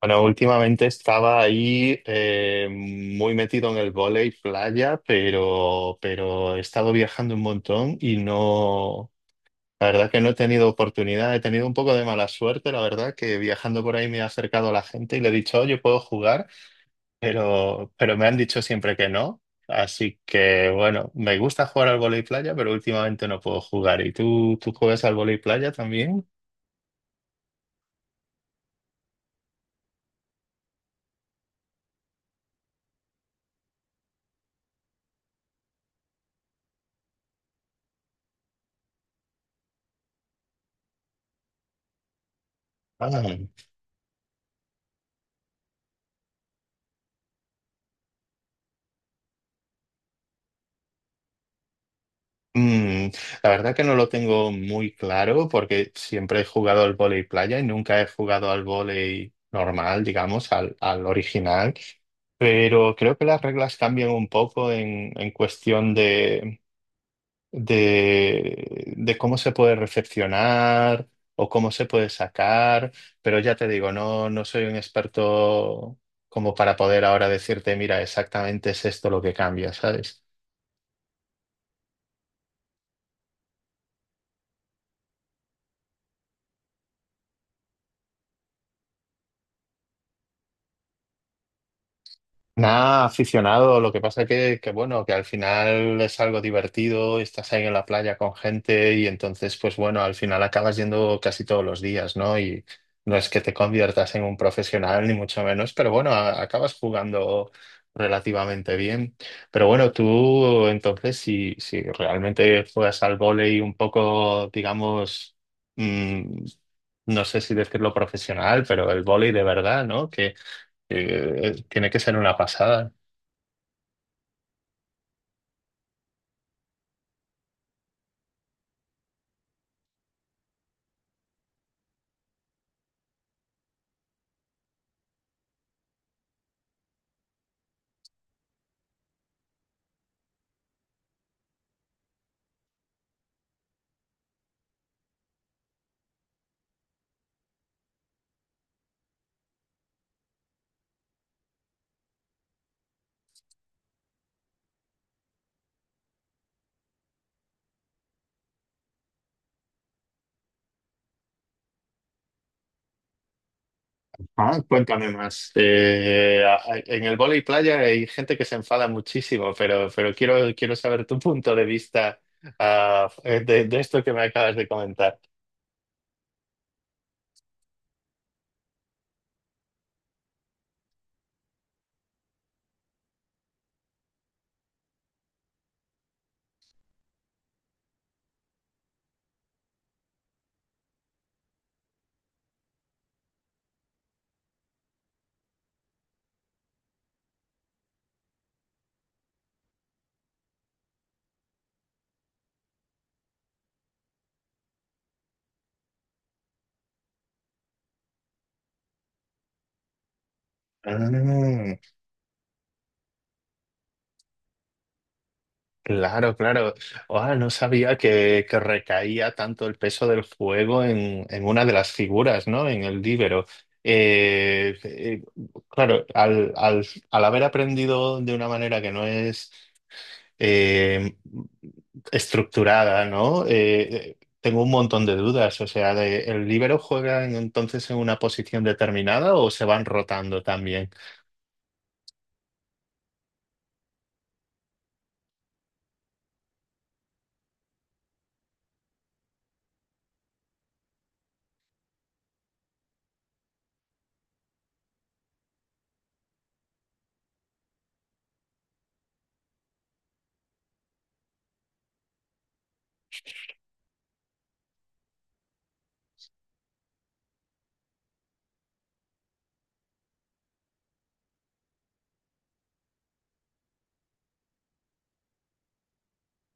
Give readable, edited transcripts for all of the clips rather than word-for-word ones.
Bueno, últimamente estaba ahí muy metido en el vóley playa, pero he estado viajando un montón y no, la verdad que no he tenido oportunidad, he tenido un poco de mala suerte, la verdad que viajando por ahí me he acercado a la gente y le he dicho, oye, puedo jugar, pero me han dicho siempre que no. Así que bueno, me gusta jugar al vóley playa, pero últimamente no puedo jugar. ¿Y tú juegas al vóley playa también? Ah. Mm, la verdad que no lo tengo muy claro porque siempre he jugado al vóley playa y nunca he jugado al vóley normal, digamos, al original. Pero creo que las reglas cambian un poco en cuestión de, de cómo se puede recepcionar o cómo se puede sacar. Pero ya te digo, no, no soy un experto como para poder ahora decirte, mira, exactamente es esto lo que cambia, ¿sabes? Nada, aficionado. Lo que pasa que, bueno, que al final es algo divertido, estás ahí en la playa con gente y entonces, pues bueno, al final acabas yendo casi todos los días, ¿no? Y no es que te conviertas en un profesional, ni mucho menos, pero bueno, acabas jugando relativamente bien. Pero bueno, tú entonces, si realmente juegas al vóley un poco, digamos, mm, no sé si decirlo profesional, pero el vóley de verdad, ¿no? Que, tiene que ser una pasada. Ah, cuéntame más. En el vóley playa hay gente que se enfada muchísimo, pero quiero saber tu punto de vista ah, de esto que me acabas de comentar. Mm, claro. Ah, no sabía que recaía tanto el peso del fuego en una de las figuras, ¿no? En el líbero. Eh, eh, claro, al haber aprendido de una manera que no es eh, estructurada, ¿no? Tengo un montón de dudas, o sea, de, ¿el líbero juega entonces en una posición determinada o se van rotando también?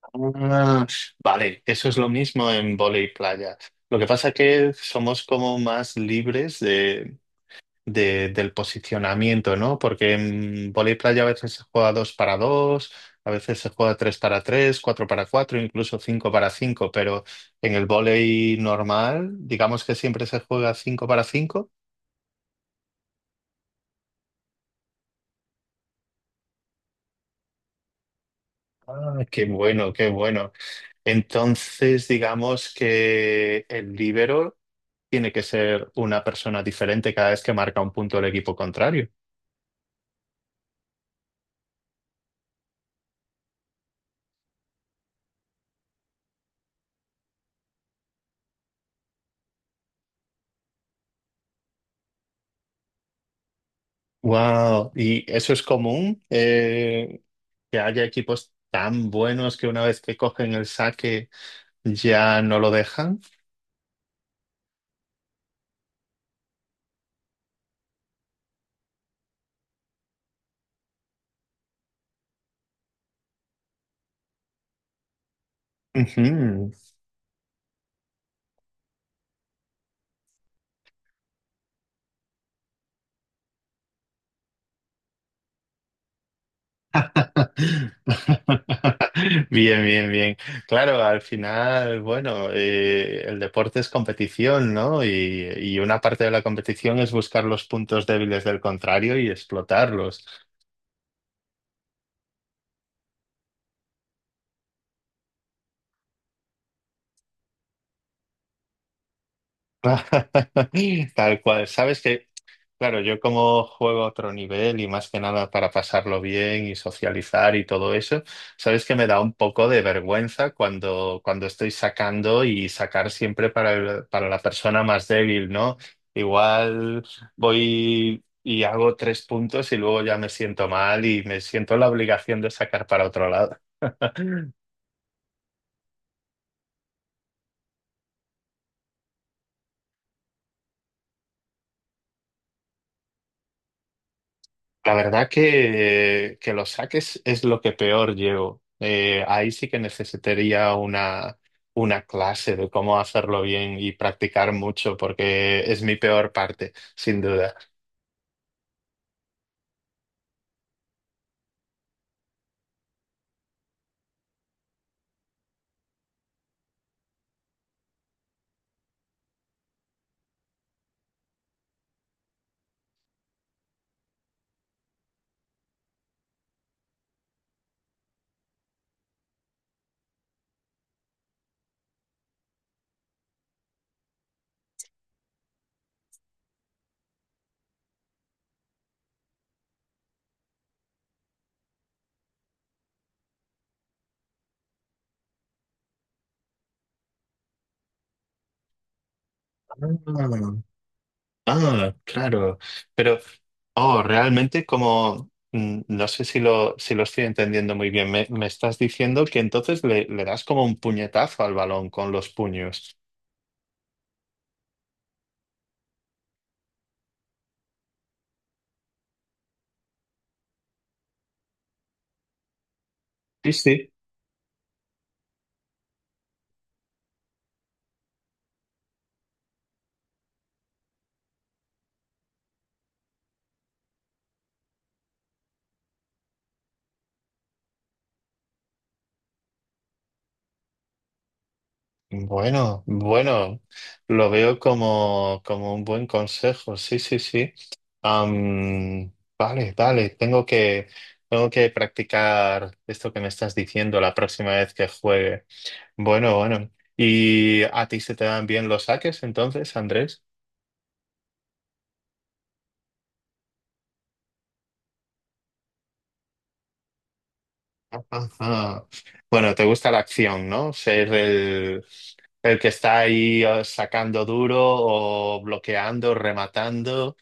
Ah, vale, eso es lo mismo en vóley playa. Lo que pasa es que somos como más libres del posicionamiento, ¿no? Porque en vóley playa a veces se juega dos para dos, a veces se juega tres para tres, cuatro para cuatro, incluso cinco para cinco, pero en el vóley normal, digamos que siempre se juega cinco para cinco. Ah, qué bueno, qué bueno. Entonces, digamos que el líbero tiene que ser una persona diferente cada vez que marca un punto el equipo contrario. Wow, ¿y eso es común? Que haya equipos tan buenos que una vez que cogen el saque ya no lo dejan. Ujú. Bien, bien, bien. Claro, al final, bueno, el deporte es competición, ¿no? Y una parte de la competición es buscar los puntos débiles del contrario y explotarlos. Tal cual. ¿Sabes? Que. Claro, yo como juego a otro nivel y más que nada para pasarlo bien y socializar y todo eso, sabes que me da un poco de vergüenza cuando estoy sacando y sacar siempre para para la persona más débil, ¿no? Igual voy y hago tres puntos y luego ya me siento mal y me siento la obligación de sacar para otro lado. La verdad que los saques es lo que peor llevo. Ahí sí que necesitaría una clase de cómo hacerlo bien y practicar mucho, porque es mi peor parte, sin duda. Ah, ah, claro. Pero, oh, realmente como, no sé si lo, si lo estoy entendiendo muy bien, me estás diciendo que entonces le das como un puñetazo al balón con los puños. Sí, sí. Bueno, bueno, lo veo como, como un buen consejo, sí, sí, sí. Am, vale, vale, tengo que practicar esto que me estás diciendo la próxima vez que juegue. Bueno, bueno. ¿Y a ti se te dan bien los saques entonces, Andrés? Ajá. Bueno, te gusta la acción, ¿no? Ser el que está ahí sacando duro o bloqueando, rematando.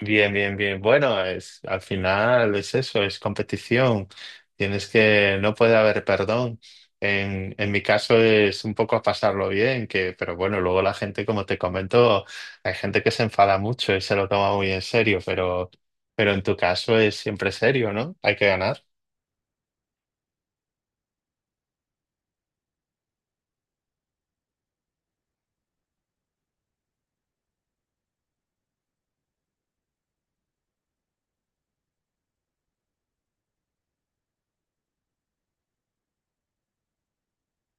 Bien, bien, bien. Bueno, es, al final es eso, es competición. Tienes que, no puede haber perdón. En mi caso es un poco a pasarlo bien, que, pero bueno, luego la gente, como te comento, hay gente que se enfada mucho y se lo toma muy en serio, pero en tu caso es siempre serio, ¿no? Hay que ganar.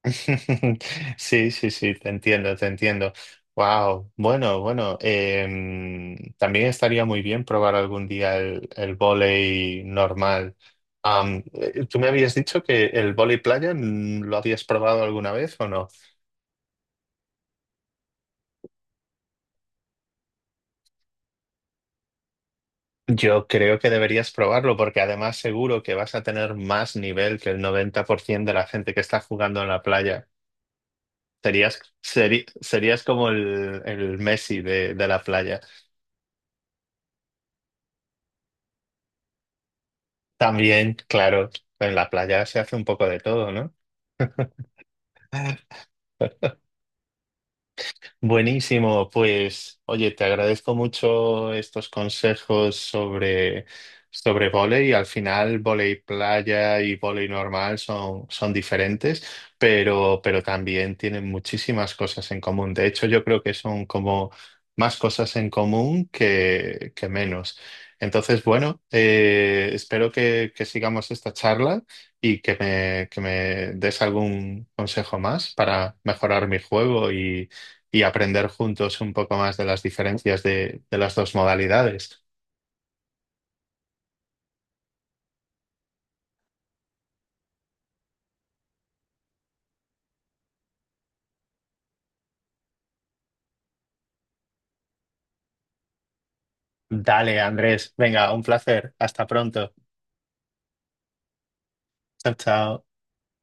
Sí, sí, sí, te entiendo. Wow, bueno, bueno, también estaría muy bien probar algún día el vóley normal. ¿Tú me habías dicho que el vóley playa lo habías probado alguna vez o no? Yo creo que deberías probarlo porque además seguro que vas a tener más nivel que el 90% de la gente que está jugando en la playa. Serías como el Messi de la playa. También, claro, en la playa se hace un poco de todo, ¿no? Buenísimo, pues oye, te agradezco mucho estos consejos sobre, sobre vóley. Al final, vóley playa y vóley normal son, son diferentes, pero también tienen muchísimas cosas en común. De hecho, yo creo que son como más cosas en común que menos. Entonces, bueno, espero que sigamos esta charla y que que me des algún consejo más para mejorar mi juego y aprender juntos un poco más de las diferencias de las dos modalidades. Dale, Andrés. Venga, un placer. Hasta pronto. Chao, chao.